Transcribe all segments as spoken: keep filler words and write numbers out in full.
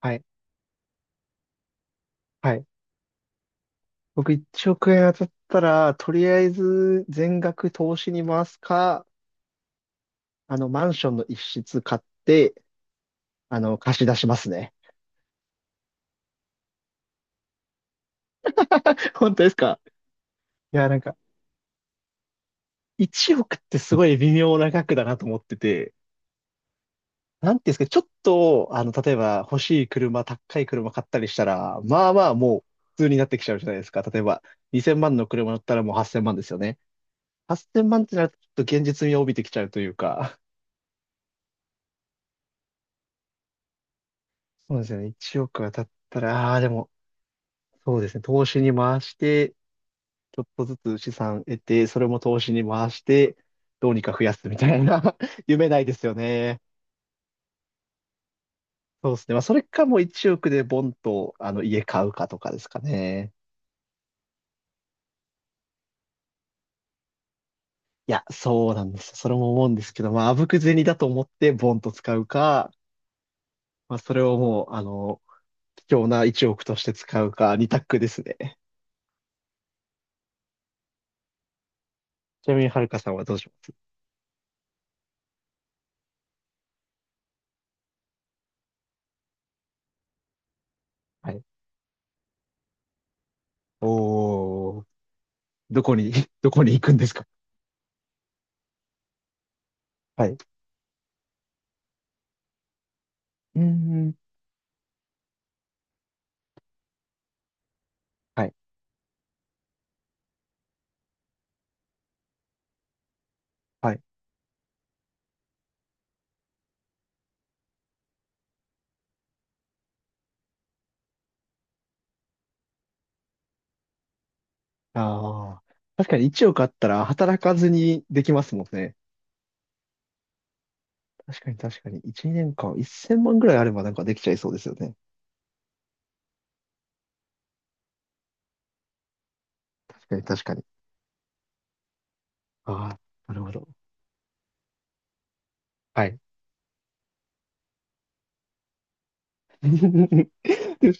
はい。はい。僕いちおく円当たったら、とりあえず全額投資に回すか、あの、マンションの一室買って、あの、貸し出しますね。本当ですか？いや、なんか、いちおくってすごい微妙な額だなと思ってて、なんていうんですか、ちょっと、あの、例えば欲しい車、高い車買ったりしたら、まあまあもう普通になってきちゃうじゃないですか。例えば、にせんまんの車乗ったらもうはっせんまんですよね。はっせんまんってなると、ちょっと現実味を帯びてきちゃうというか、そうですよね。いちおく当たったら、ああ、でも、そうですね。投資に回して、ちょっとずつ資産得て、それも投資に回して、どうにか増やすみたいな 夢ないですよね。そうですね。まあ、それかもういちおくでボンと、あの、家買うかとかですかね。いや、そうなんですよ。それも思うんですけど、まあ、あぶく銭だと思ってボンと使うか、まあ、それをもう、あの、貴重ないちおくとして使うか、に択ですね。ちなみに、はるかさんはどうします？はい。おー、どこに、どこに行くんですか？はい。うーん。はい。はい。ああ。確かにいちおくあったら働かずにできますもんね。確かに確かに。いちねんかんせんまんぐらいあればなんかできちゃいそうですよね。確かに確かに。ああ、なるほど。はい。で、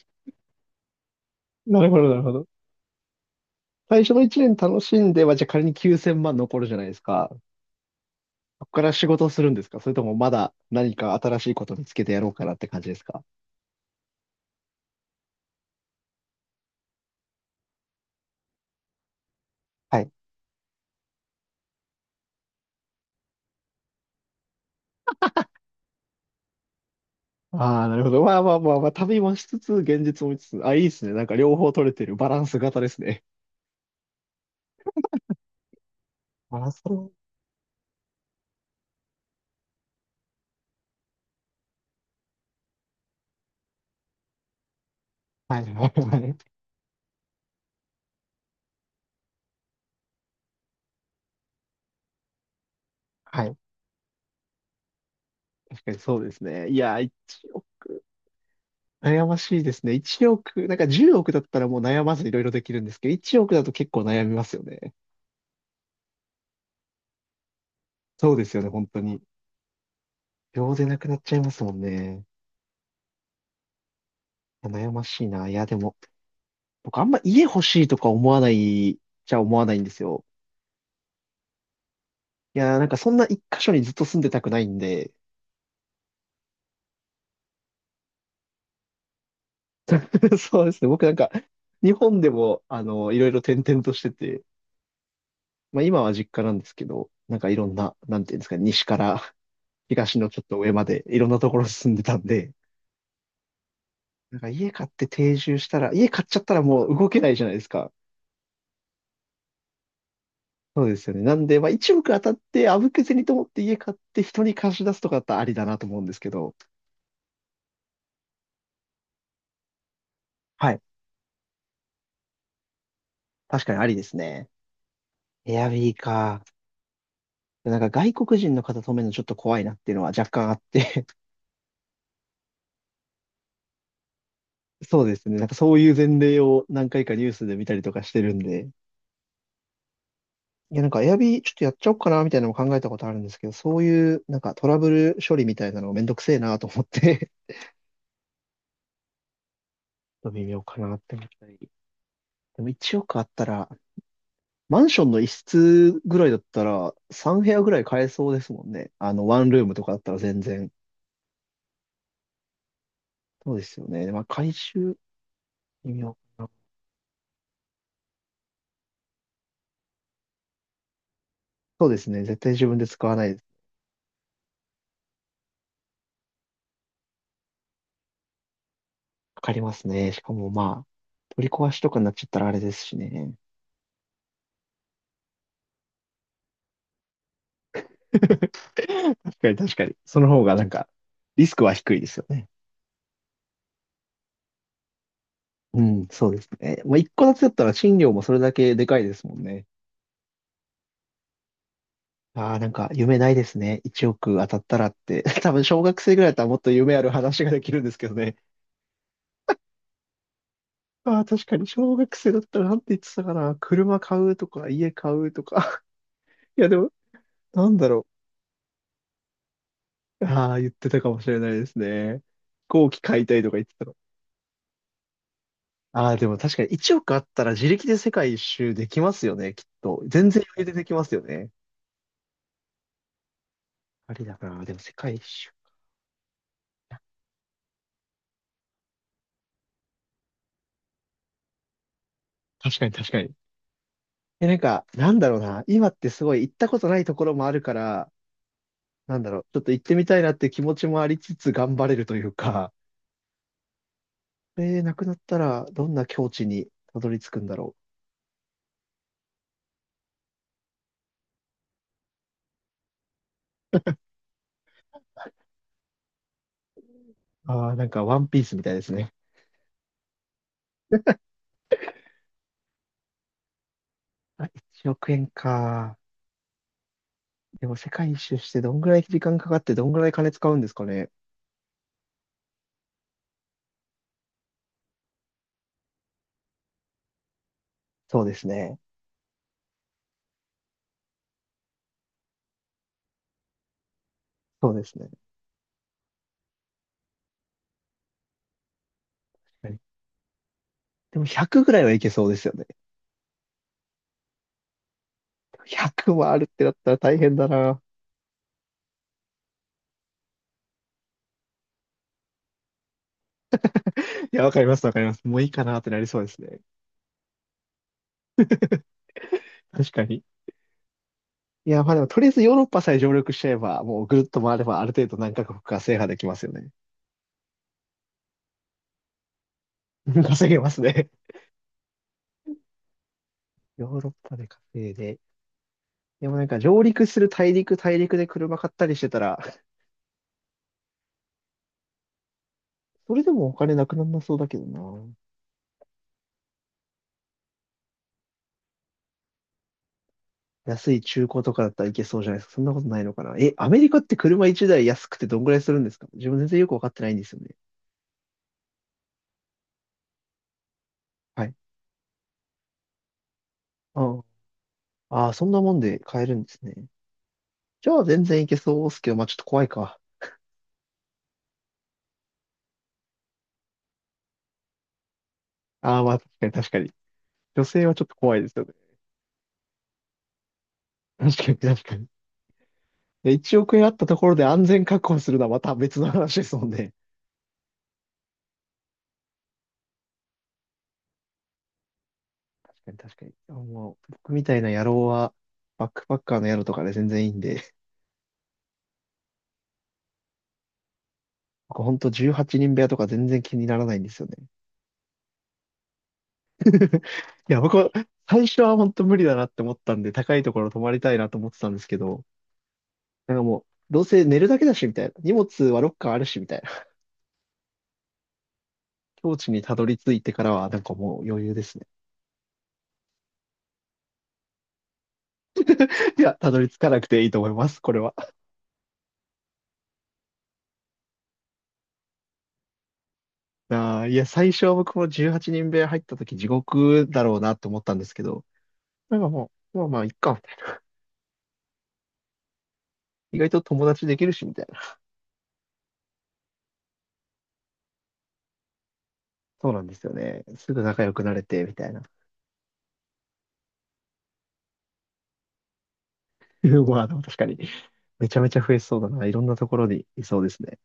なるほどなるほど。最初のいちねん楽しんでは、じゃあ仮にきゅうせんまん残るじゃないですか。そこから仕事をするんですか？それともまだ何か新しいこと見つけてやろうかなって感じですか？はい。ああ、なるほど。まあまあまあまあ、旅もしつつ、現実も見つつ、あ、いいですね。なんか両方取れてるバランス型ですね。ああ、そう。はい、はい、はい。はい。確かにそうですね。いや、いちおく、悩ましいですね。いちおく、なんかじゅうおくだったらもう悩まずいろいろできるんですけど、いちおくだと結構悩みますよね。そうですよね、本当に。秒でなくなっちゃいますもんね。いや悩ましいな。いや、でも、僕あんま家欲しいとか思わないじゃ思わないんですよ。いや、なんかそんな一箇所にずっと住んでたくないんで、そうですね。僕なんか、日本でも、あの、いろいろ転々としてて、まあ今は実家なんですけど、なんかいろんな、なんていうんですかね、西から東のちょっと上までいろんなところ進んでたんで、なんか家買って定住したら、家買っちゃったらもう動けないじゃないですか。そうですよね。なんで、まあ一目当たってあぶけずにと思って家買って人に貸し出すとかだったらありだなと思うんですけど、はい。確かにありですね。エアビーか。なんか外国人の方止めるのちょっと怖いなっていうのは若干あって。 そうですね。なんかそういう前例を何回かニュースで見たりとかしてるんで、いや、なんか、エアビーちょっとやっちゃおうかな、みたいなのも考えたことあるんですけど、そういう、なんか、トラブル処理みたいなのめんどくせえなと思って。 ちょっと微妙かなって思ったり。でも、いちおくあったら、マンションの一室ぐらいだったら、さん部屋ぐらい買えそうですもんね。あの、ワンルームとかだったら全然。そうですよね。まあ、回収、微妙かな。そうですね。絶対自分で使わないです。かかりますね。しかも、まあ、取り壊しとかになっちゃったらあれですしね。確かに、確かに。その方が、なんか、リスクは低いですよね。うん、そうですね。まあ、一個ずつだったら賃料もそれだけでかいですもんね。ああ、なんか夢ないですね。いちおく当たったらって。多分小学生ぐらいだったらもっと夢ある話ができるんですけどね。ああ、確かに小学生だったらなんて言ってたかな。車買うとか、家買うとか。いや、でも、なんだろう。ああ、言ってたかもしれないですね。飛行機買いたいとか言ってたの。ああ、でも確かにいちおくあったら自力で世界一周できますよね、きっと。全然余裕でできますよね。ありだな。でも世界一周。確かに確かに。え、なんか、なんだろうな。今ってすごい行ったことないところもあるから、なんだろう。ちょっと行ってみたいなって気持ちもありつつ頑張れるというか、えー、なくなったらどんな境地にたどり着くんだろう。ああ、なんかワンピースみたいですね。あ、いちおく円か。でも世界一周してどんぐらい時間かかってどんぐらい金使うんですかね。そうですね。そうですね。はい。でもひゃくぐらいはいけそうですよね。ひゃくもあるってなったら大変だな。いや、わかります、わかります。もういいかなってなりそうですね。確かに。いや、まあでも、とりあえずヨーロッパさえ上陸しちゃえば、もうぐるっと回れば、ある程度何カ国か制覇できますよね。稼げますね。ヨーロッパで稼いで。でもなんか、上陸する大陸、大陸で車買ったりしてたら、それでもお金なくなんなそうだけどな。安い中古とかだったらいけそうじゃないですか。そんなことないのかな。え、アメリカって車いちだい安くてどんぐらいするんですか？自分全然よくわかってないんですよね。はい。ああ、ああそんなもんで買えるんですね。じゃあ全然いけそうですけど、まあちょっと怖いか。ああ、まあ確かに確かに。女性はちょっと怖いですよね。確かに確かに。で、いちおく円あったところで安全確保するのはまた別の話ですもんね。確かに確かに。もう、僕みたいな野郎は、バックパッカーの野郎とかで全然いいんで、僕ほんとじゅうはちにん部屋とか全然気にならないんですよね。いや、僕は、最初は本当無理だなって思ったんで、高いところ泊まりたいなと思ってたんですけど、なんかもう、どうせ寝るだけだし、みたいな。荷物はロッカーあるし、みたいな。境地にたどり着いてからは、なんかもう余裕ですね。いや、たどり着かなくていいと思います。これは。あーいや、最初は僕もじゅうはちにん部屋入った時地獄だろうなと思ったんですけど、なんかもう、まあまあ、いっか、みたいな。意外と友達できるし、みたいな。そうなんですよね。すぐ仲良くなれて、みたいな。まあ、でも確かに、めちゃめちゃ増えそうだな。いろんなところにいそうですね。